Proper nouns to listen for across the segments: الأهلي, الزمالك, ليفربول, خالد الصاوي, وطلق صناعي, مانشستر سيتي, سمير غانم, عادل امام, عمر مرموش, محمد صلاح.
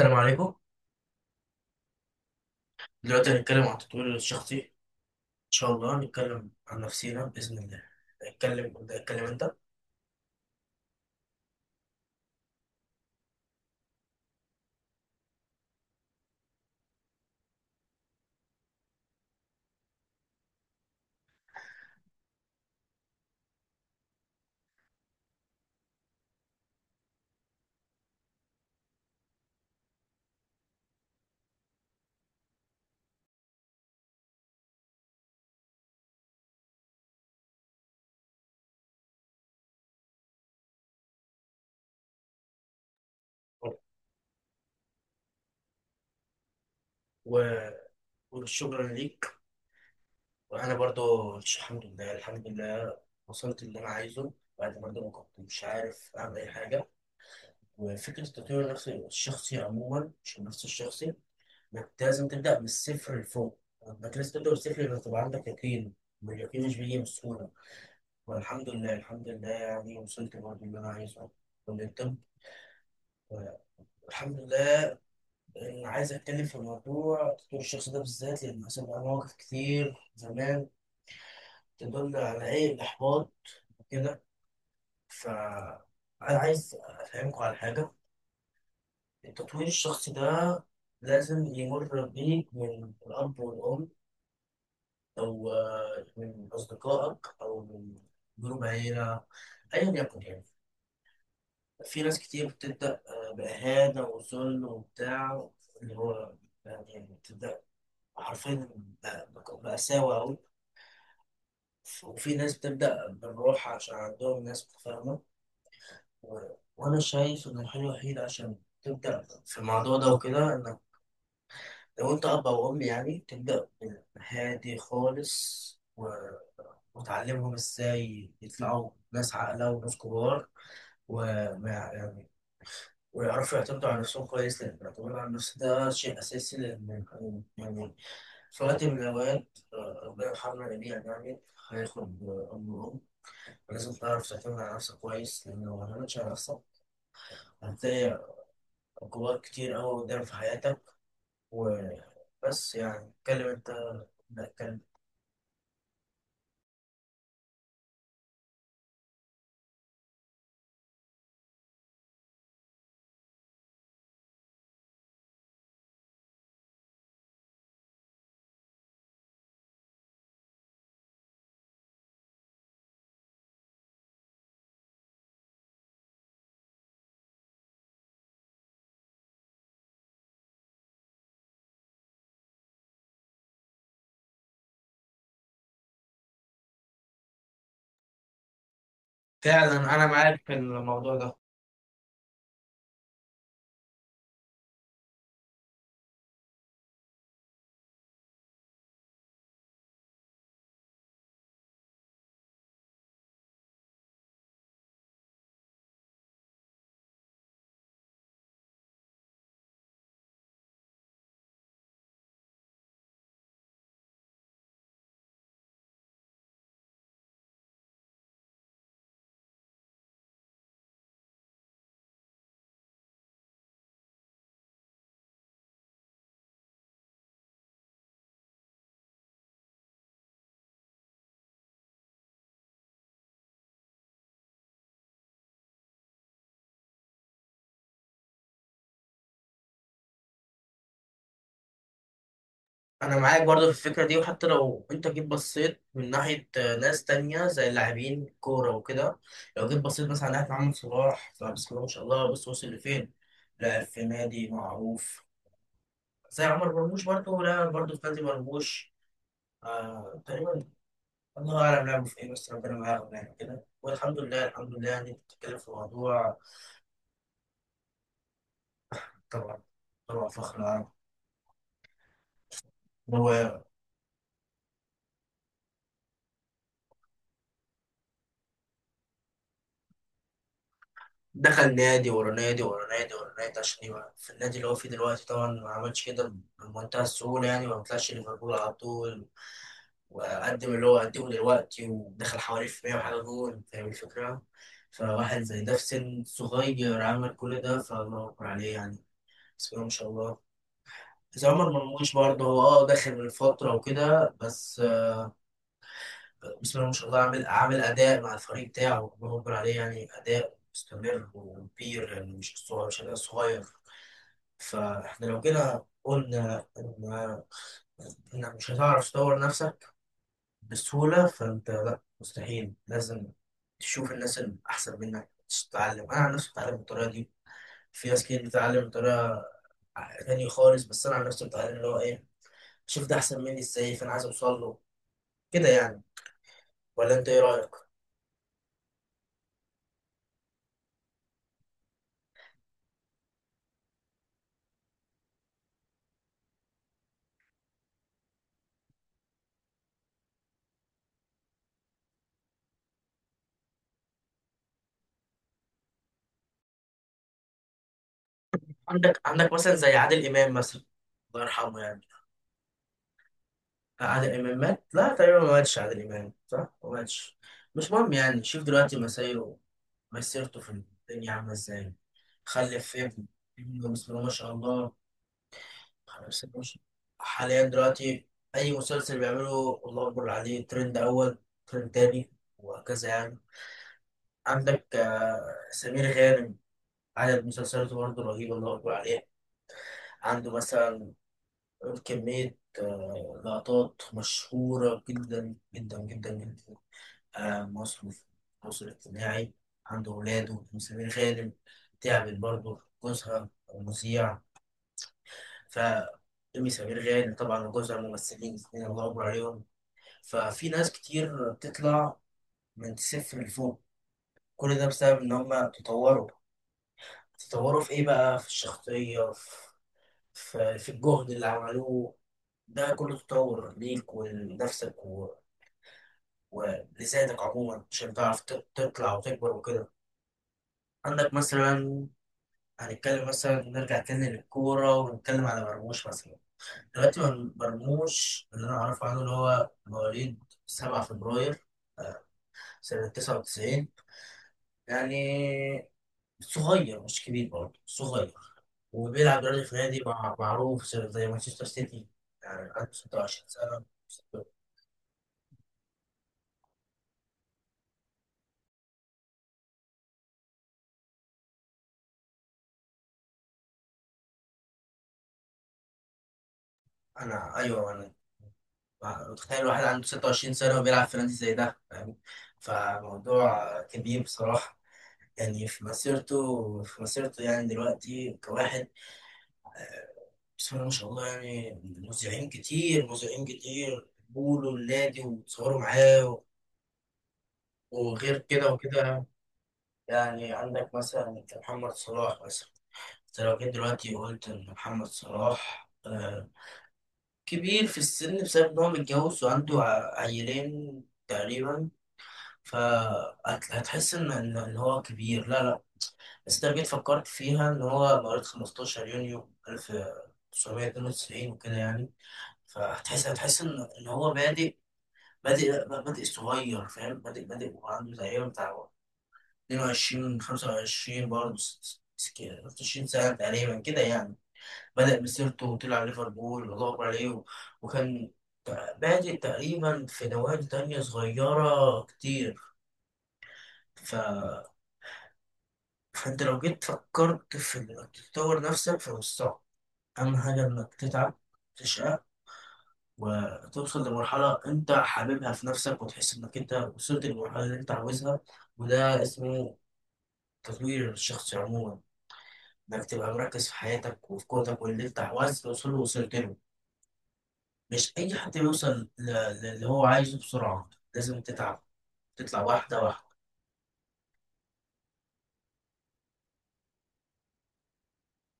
السلام عليكم. دلوقتي هنتكلم عن التطوير الشخصي إن شاء الله، هنتكلم عن نفسينا بإذن الله. هنتكلم، ابدأ اتكلم أنت. و- والشكر ليك. وأنا برضو الحمد لله، الحمد لله وصلت اللي أنا عايزه، بعد برضو ما كنت مش عارف أعمل أي حاجة. وفكرة التطوير النفسي الشخصي عموما، مش النفس الشخصي، إنك لازم تبدأ من الصفر لفوق. إنك لازم تبدأ من الصفر لأنك تبقى عندك يقين، واليقين مش بيجي بسهولة. والحمد لله، الحمد لله يعني وصلت برضو اللي أنا عايزه، كلية الطب، الحمد لله. أنا عايز أتكلم في موضوع تطوير الشخص ده بالذات لأن حصل معايا مواقف كتير زمان تدل على إيه، الإحباط وكده. فأنا عايز أفهمكم على حاجة. التطوير الشخصي ده لازم يمر بيك من الأب والأم، أو من أصدقائك أو من جروب عيلة، أيا يكن يعني. في ناس كتير بتبدأ بإهانة وذل وبتاع، اللي هو يعني بتبدأ حرفيا بقوا مأساوي أوي. وفي ناس بتبدأ بالروح عشان عندهم ناس متفاهمة. و... وأنا شايف إن الحل الوحيد عشان تبدأ في الموضوع ده وكده، إنك لو أنت أب أو أم يعني تبدأ هادي خالص، وتعلمهم إزاي يطلعوا ناس عاقلة وناس كبار، وما يعني ويعرفوا يعتمدوا على نفسهم كويس، لأن الاعتماد على النفس ده شيء أساسي. لأن يعني صلاة الجواد، ربنا يرحمنا جميعا يعني. هياخد أمر أم، لازم تعرف تعتمد على نفسك كويس، لأن لو ما اعتمدتش على نفسك هتلاقي عقوبات كتير أوي قدام في حياتك. وبس يعني، اتكلم أنت، لا اتكلم. فعلا أنا معاك في الموضوع ده. أنا معاك برضه في الفكرة دي. وحتى لو أنت جيت بصيت من ناحية ناس تانية زي اللاعبين كورة وكده، لو جيت بصيت مثلا على ناحية محمد صلاح، فبسم الله ما شاء الله، بص وصل لفين، لعب في نادي معروف. زي عمر مرموش برضه، لعب برضه في نادي مرموش آه تقريبا، الله أعلم لعبوا في إيه بس ربنا معاهم يعني كده. والحمد لله، الحمد لله يعني، بتتكلم في موضوع. طبعا، طبعا فخر العرب. هو دخل نادي ورا نادي ورا نادي ورا نادي عشان يبقى في النادي اللي هو فيه دلوقتي. طبعا ما عملش كده بمنتهى السهولة يعني، ما طلعش ليفربول على طول، وقدم اللي هو قدمه دلوقتي، ودخل حوالي في 100 وحاجة جول. فاهم الفكرة؟ فواحد زي ده في سن صغير عمل كل ده، فالله أكبر عليه يعني، بسم الله ما شاء الله. زي عمر مرموش برضه، هو اه داخل من فترة وكده بس، بسم الله ما شاء الله، عامل عامل أداء مع الفريق بتاعه، بنقول عليه يعني أداء مستمر وكبير، يعني مش صغير، مش أداء صغير. فاحنا لو جينا قلنا إن، إنك مش هتعرف تطور نفسك بسهولة، فأنت لأ مستحيل، لازم تشوف الناس الأحسن منك تتعلم. أنا عن نفسي بتعلم بالطريقة دي. في ناس كتير بتتعلم بطريقة تانية خالص، بس أنا عن نفسي بتعلم اللي هو إيه، شوف ده أحسن مني إزاي، فأنا عايز أوصل له كده يعني. ولا انت ايه رايك؟ عندك، عندك مثلا زي عادل امام مثلا، الله يرحمه يعني. عادل امام مات، لا تقريبا ما ماتش عادل امام، صح؟ ما ماتش. مش مهم يعني، شوف دلوقتي مسيرته في الدنيا عامله ازاي. خلف ابن، ابنه بسم الله ما شاء الله. خلف ابنه ما شاء الله. حاليا دلوقتي اي مسلسل بيعمله الله اكبر عليه، ترند اول، ترند تاني، وهكذا يعني. عندك سمير غانم، عدد مسلسلاته برضه رهيب، الله اكبر عليه. عنده مثلا كمية لقطات مشهورة جدا جدا جدا جدا، مصر في مصر الاجتماعي. عند ولاده سمير غانم، تعبت برضه جوزها المذيع. ف أم سمير غانم طبعا وجوزها ممثلين الاثنين، الله أكبر عليهم. ففي ناس كتير بتطلع من صفر لفوق، كل ده بسبب إن هما تطوروا. تطوروا في إيه بقى، في الشخصية، في، في في الجهد اللي عملوه. ده كله تطور ليك ولنفسك ولسانك عموما، عشان تعرف تطلع وتكبر وكده. عندك مثلا، هنتكلم مثلا نرجع تاني للكورة، ونتكلم على مرموش مثلا. دلوقتي مرموش اللي أنا أعرفه عنه، اللي هو مواليد 7 فبراير، آه، سنة 99 يعني، صغير مش كبير، برضه صغير. وبيلعب دلوقتي في نادي معروف زي مانشستر سيتي. يعني عنده 26 سنة. أنا أيوه أنا، تخيل واحد عنده 26 سنة وبيلعب في نادي زي ده، فاهم؟ فموضوع كبير بصراحة، يعني في مسيرته، في مسيرته يعني دلوقتي كواحد، بسم الله ما شاء الله يعني. مذيعين كتير، مذيعين كتير بيقولوا النادي وتصوروا معاه، وغير كده وكده يعني. عندك مثلا محمد صلاح مثلا، انت لو جيت دلوقتي وقلت ان محمد صلاح كبير في السن بسبب ان هو متجوز وعنده عيلين تقريبا، فهتحس ان ان إن هو كبير، لا لا. بس انت لو جيت فكرت فيها ان هو مواليد 15 يونيو 1992 وكده يعني، فهتحس، هتحس ان ان هو بادئ، بادئ صغير، فاهم؟ بادئ وعنده تقريبا بتاع 22، 25 برضه، 26 سنة تقريبا كده يعني. بدأ مسيرته وطلع ليفربول، والله أكبر عليه، وكان بادئ تقريبا في نوادي تانية صغيرة كتير. ف فانت لو جيت فكرت في انك تطور نفسك، فمش صعب. اهم حاجه انك تتعب، تشقى، وتوصل لمرحله انت حاببها في نفسك، وتحس انك انت وصلت للمرحله اللي انت عاوزها. وده اسمه تطوير الشخص عموما، انك تبقى مركز في حياتك وفي قوتك، واللي انت عاوز توصله وصلت له. مش اي حد بيوصل اللي هو عايزه بسرعه، لازم تتعب، تطلع واحده واحده.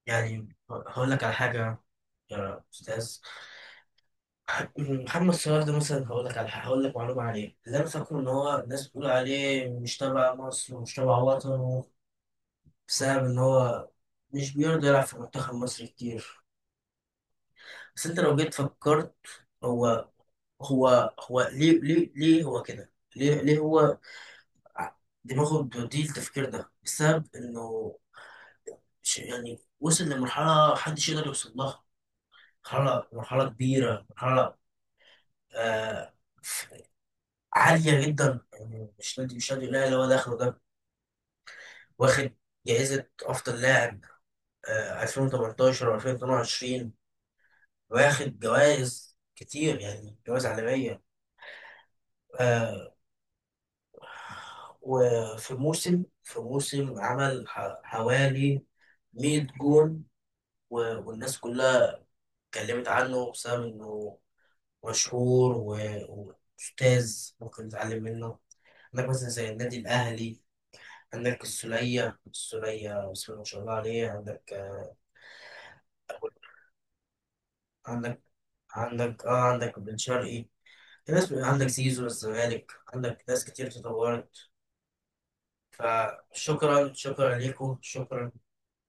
يعني هقول لك على حاجه، يا استاذ، محمد صلاح ده مثلا، هقول لك على هقول لك معلومه عليه اللي انا فاكره. ان هو الناس بتقول عليه مش تبع مصر ومش تبع وطنه، بسبب ان هو مش بيرضى يلعب في منتخب مصر كتير. بس انت لو جيت فكرت، هو هو ليه، هو كده، ليه هو، ع- دماغه بتوديه التفكير ده بسبب انه، يعني وصل لمرحله محدش يقدر يوصل لها، مرحله، مرحله كبيره، مرحله آه عالية جدا يعني. مش نادي، مش نادي الأهلي هو داخله ده. واخد جائزة أفضل لاعب، 2018 و2022، واخد جوائز كتير يعني، جوائز عالمية. آه، وفي موسم، في موسم عمل حوالي 100 جون، والناس كلها اتكلمت عنه بسبب إنه مشهور، وأستاذ ممكن تتعلم منه. عندك مثلا زي النادي الأهلي، عندك السولية، السولية بسم الله ما شاء الله عليه. عندك عندك، عندك اه عندك بن شرقي. في ناس، عندك زيزو الزمالك، عندك ناس كتير تطورت. فشكرا، شكرا لكم، شكرا.